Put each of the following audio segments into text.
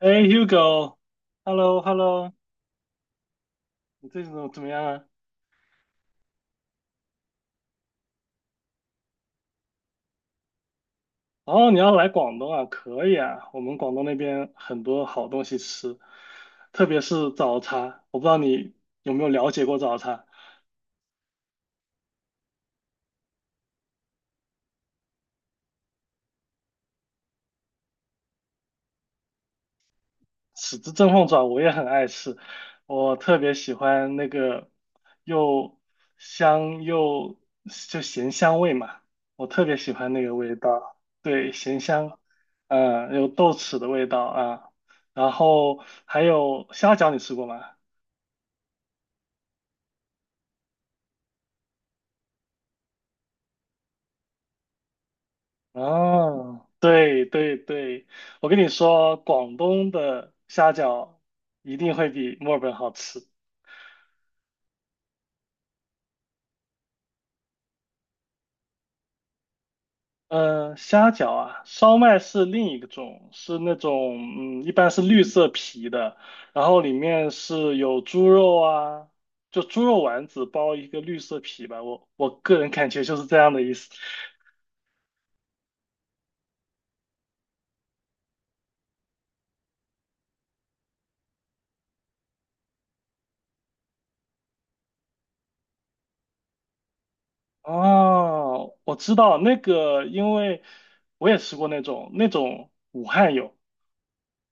哎Hugo，Hello，Hello，你最近怎么样啊？哦，你要来广东啊？可以啊，我们广东那边很多好东西吃，特别是早茶。我不知道你有没有了解过早茶。豉汁蒸凤爪我也很爱吃，我特别喜欢那个又香又就咸香味嘛，我特别喜欢那个味道，对，咸香，嗯，有豆豉的味道啊，然后还有虾饺，你吃过吗？哦，对对对，我跟你说，广东的虾饺一定会比墨尔本好吃。嗯，虾饺啊，烧麦是另一个种，是那种一般是绿色皮的，然后里面是有猪肉啊，就猪肉丸子包一个绿色皮吧，我个人感觉就是这样的意思。哦，我知道那个，因为我也吃过那种，那种武汉有。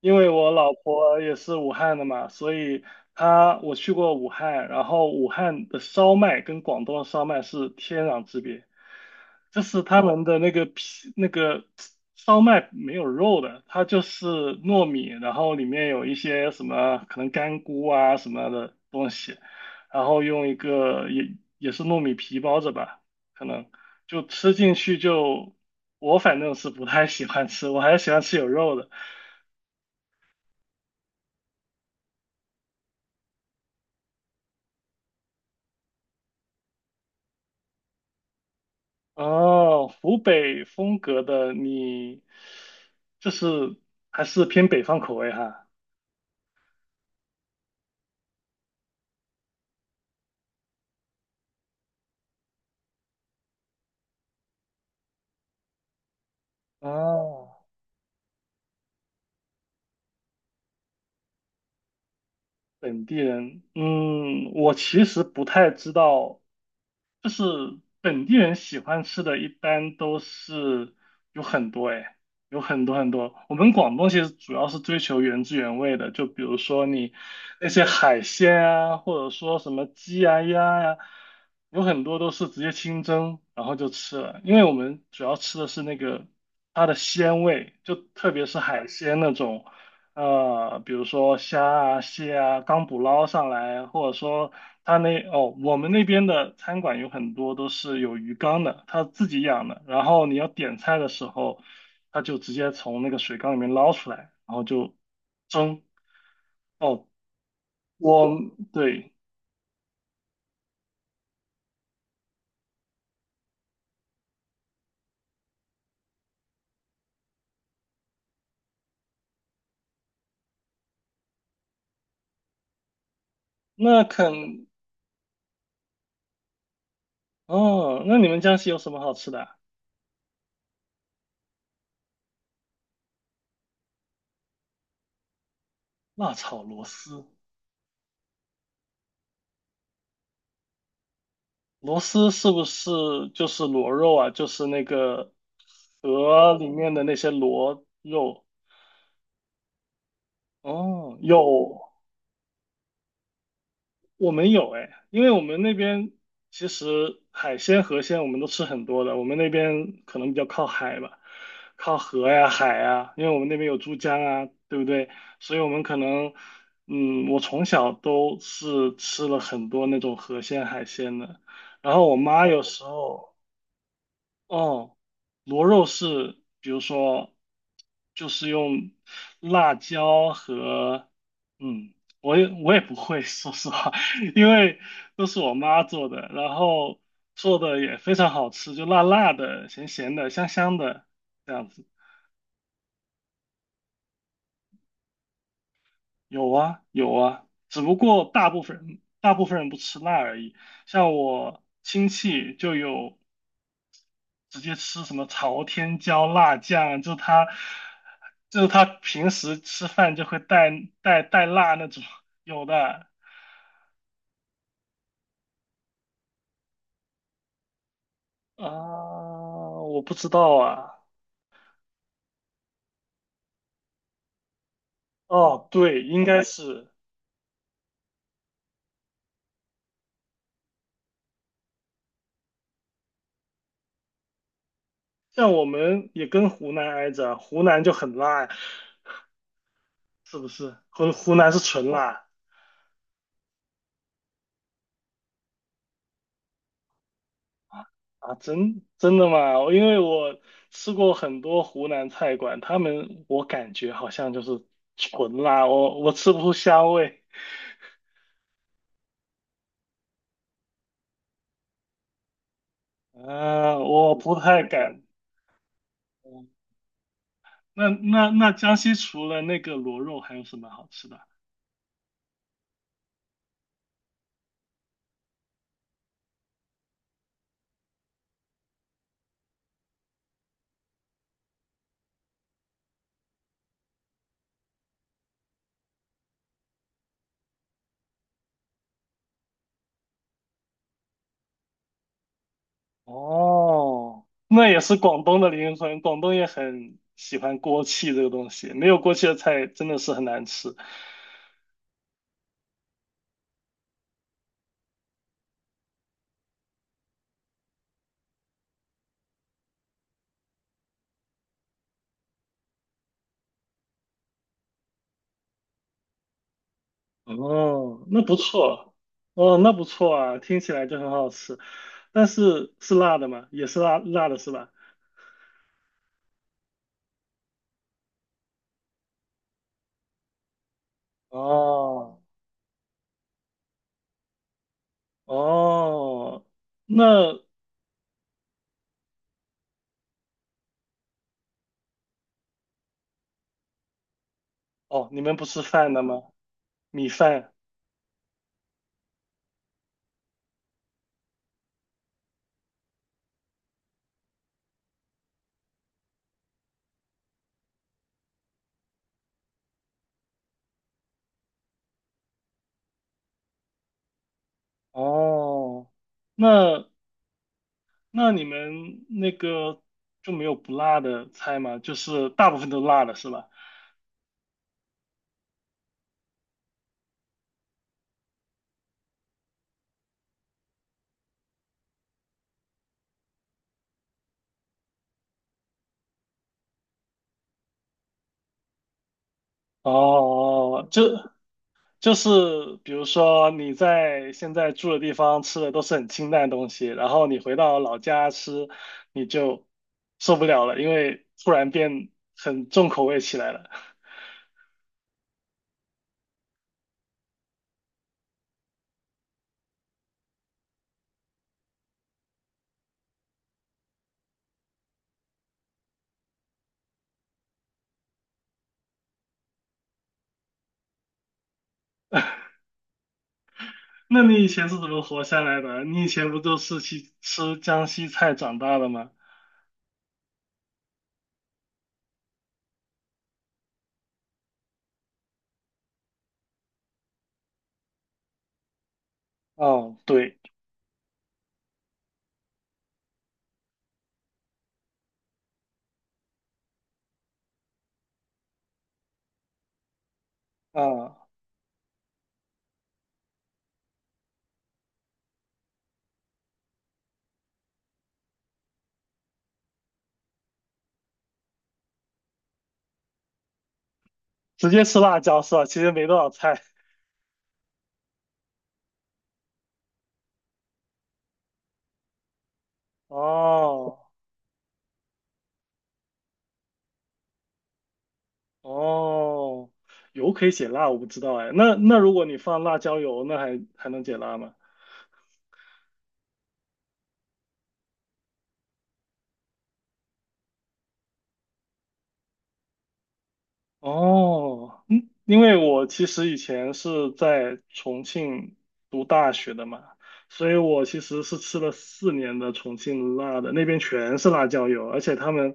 因为我老婆也是武汉的嘛，所以她我去过武汉，然后武汉的烧麦跟广东的烧麦是天壤之别，就是他们的那个皮那个烧麦没有肉的，它就是糯米，然后里面有一些什么可能干菇啊什么的东西，然后用一个也是糯米皮包着吧，可能就吃进去就我反正是不太喜欢吃，我还是喜欢吃有肉的。哦，湖北风格的你，就是还是偏北方口味哈。哦，本地人，嗯，我其实不太知道，就是本地人喜欢吃的，一般都是有很多哎，有很多很多。我们广东其实主要是追求原汁原味的，就比如说你那些海鲜啊，或者说什么鸡啊、鸭呀、有很多都是直接清蒸，然后就吃了。因为我们主要吃的是那个它的鲜味，就特别是海鲜那种，比如说虾啊、蟹啊，刚捕捞上来，或者说。他那哦，我们那边的餐馆有很多都是有鱼缸的，他自己养的。然后你要点菜的时候，他就直接从那个水缸里面捞出来，然后就蒸。哦，我对，那肯哦，那你们江西有什么好吃的啊辣炒螺丝，螺丝是不是就是螺肉啊？就是那个河里面的那些螺肉？哦，有我们有哎，因为我们那边其实海鲜河鲜我们都吃很多的，我们那边可能比较靠海吧，靠河呀海呀，因为我们那边有珠江啊，对不对？所以我们可能，嗯，我从小都是吃了很多那种河鲜海鲜的，然后我妈有时候。哦，螺肉是，比如说，就是用辣椒和，嗯，我也不会，说实话，因为都是我妈做的，然后做的也非常好吃，就辣辣的、咸咸的、香香的这样子。有啊，有啊，只不过大部分人不吃辣而已。像我亲戚就有直接吃什么朝天椒辣酱，就是他就是他平时吃饭就会带带辣那种，有的啊，我不知道啊，哦，对，应该是像我们也跟湖南挨着，湖南就很辣，是不是？湖南是纯辣啊，真的吗？因为我吃过很多湖南菜馆，他们我感觉好像就是纯辣，我吃不出香味。我不太敢。嗯那江西除了那个螺肉，还有什么好吃的？哦，那也是广东的灵魂，广东也很喜欢锅气这个东西，没有锅气的菜真的是很难吃。哦，那不错，哦，那不错啊，听起来就很好吃。但是是辣的吗？也是辣辣的是吧？哦哦，那哦，你们不吃饭的吗？米饭。哦，那那你们那个就没有不辣的菜吗？就是大部分都辣的是吧？哦，就就是比如说你在现在住的地方吃的都是很清淡的东西，然后你回到老家吃，你就受不了了，因为突然变很重口味起来了。那你以前是怎么活下来的？你以前不都是去吃江西菜长大的吗？哦，对，啊。直接吃辣椒是吧？其实没多少菜。哦哦，油可以解辣，我不知道哎。那那如果你放辣椒油，那还还能解辣吗？哦，嗯，因为我其实以前是在重庆读大学的嘛，所以我其实是吃了4年的重庆辣的，那边全是辣椒油，而且他们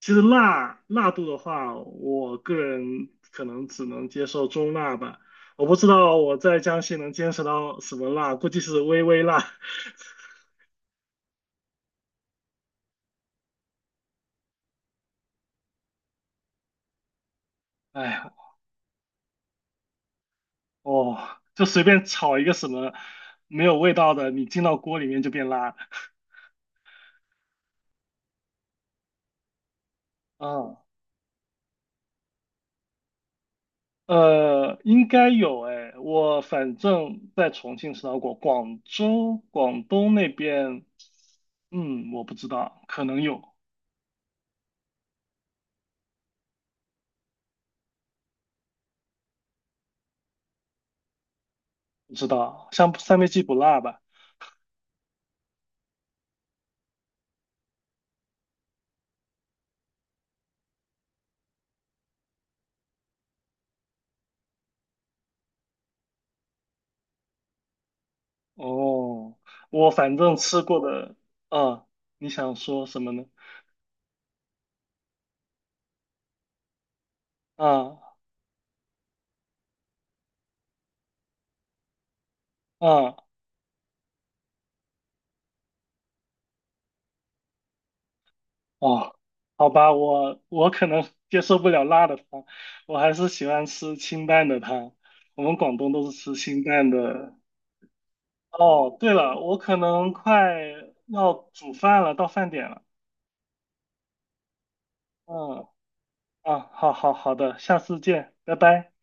其实辣辣度的话，我个人可能只能接受中辣吧。我不知道我在江西能坚持到什么辣，估计是微微辣。哎，哦，就随便炒一个什么没有味道的，你进到锅里面就变辣啊，嗯应该有哎，我反正在重庆吃到过，广州、广东那边，嗯，我不知道，可能有，不知道。像三杯鸡不辣吧？哦，我反正吃过的，啊，你想说什么呢？啊啊哦，好吧，我可能接受不了辣的汤，我还是喜欢吃清淡的汤。我们广东都是吃清淡的。哦，对了，我可能快要煮饭了，到饭点了。嗯啊，好好好的，下次见，拜拜。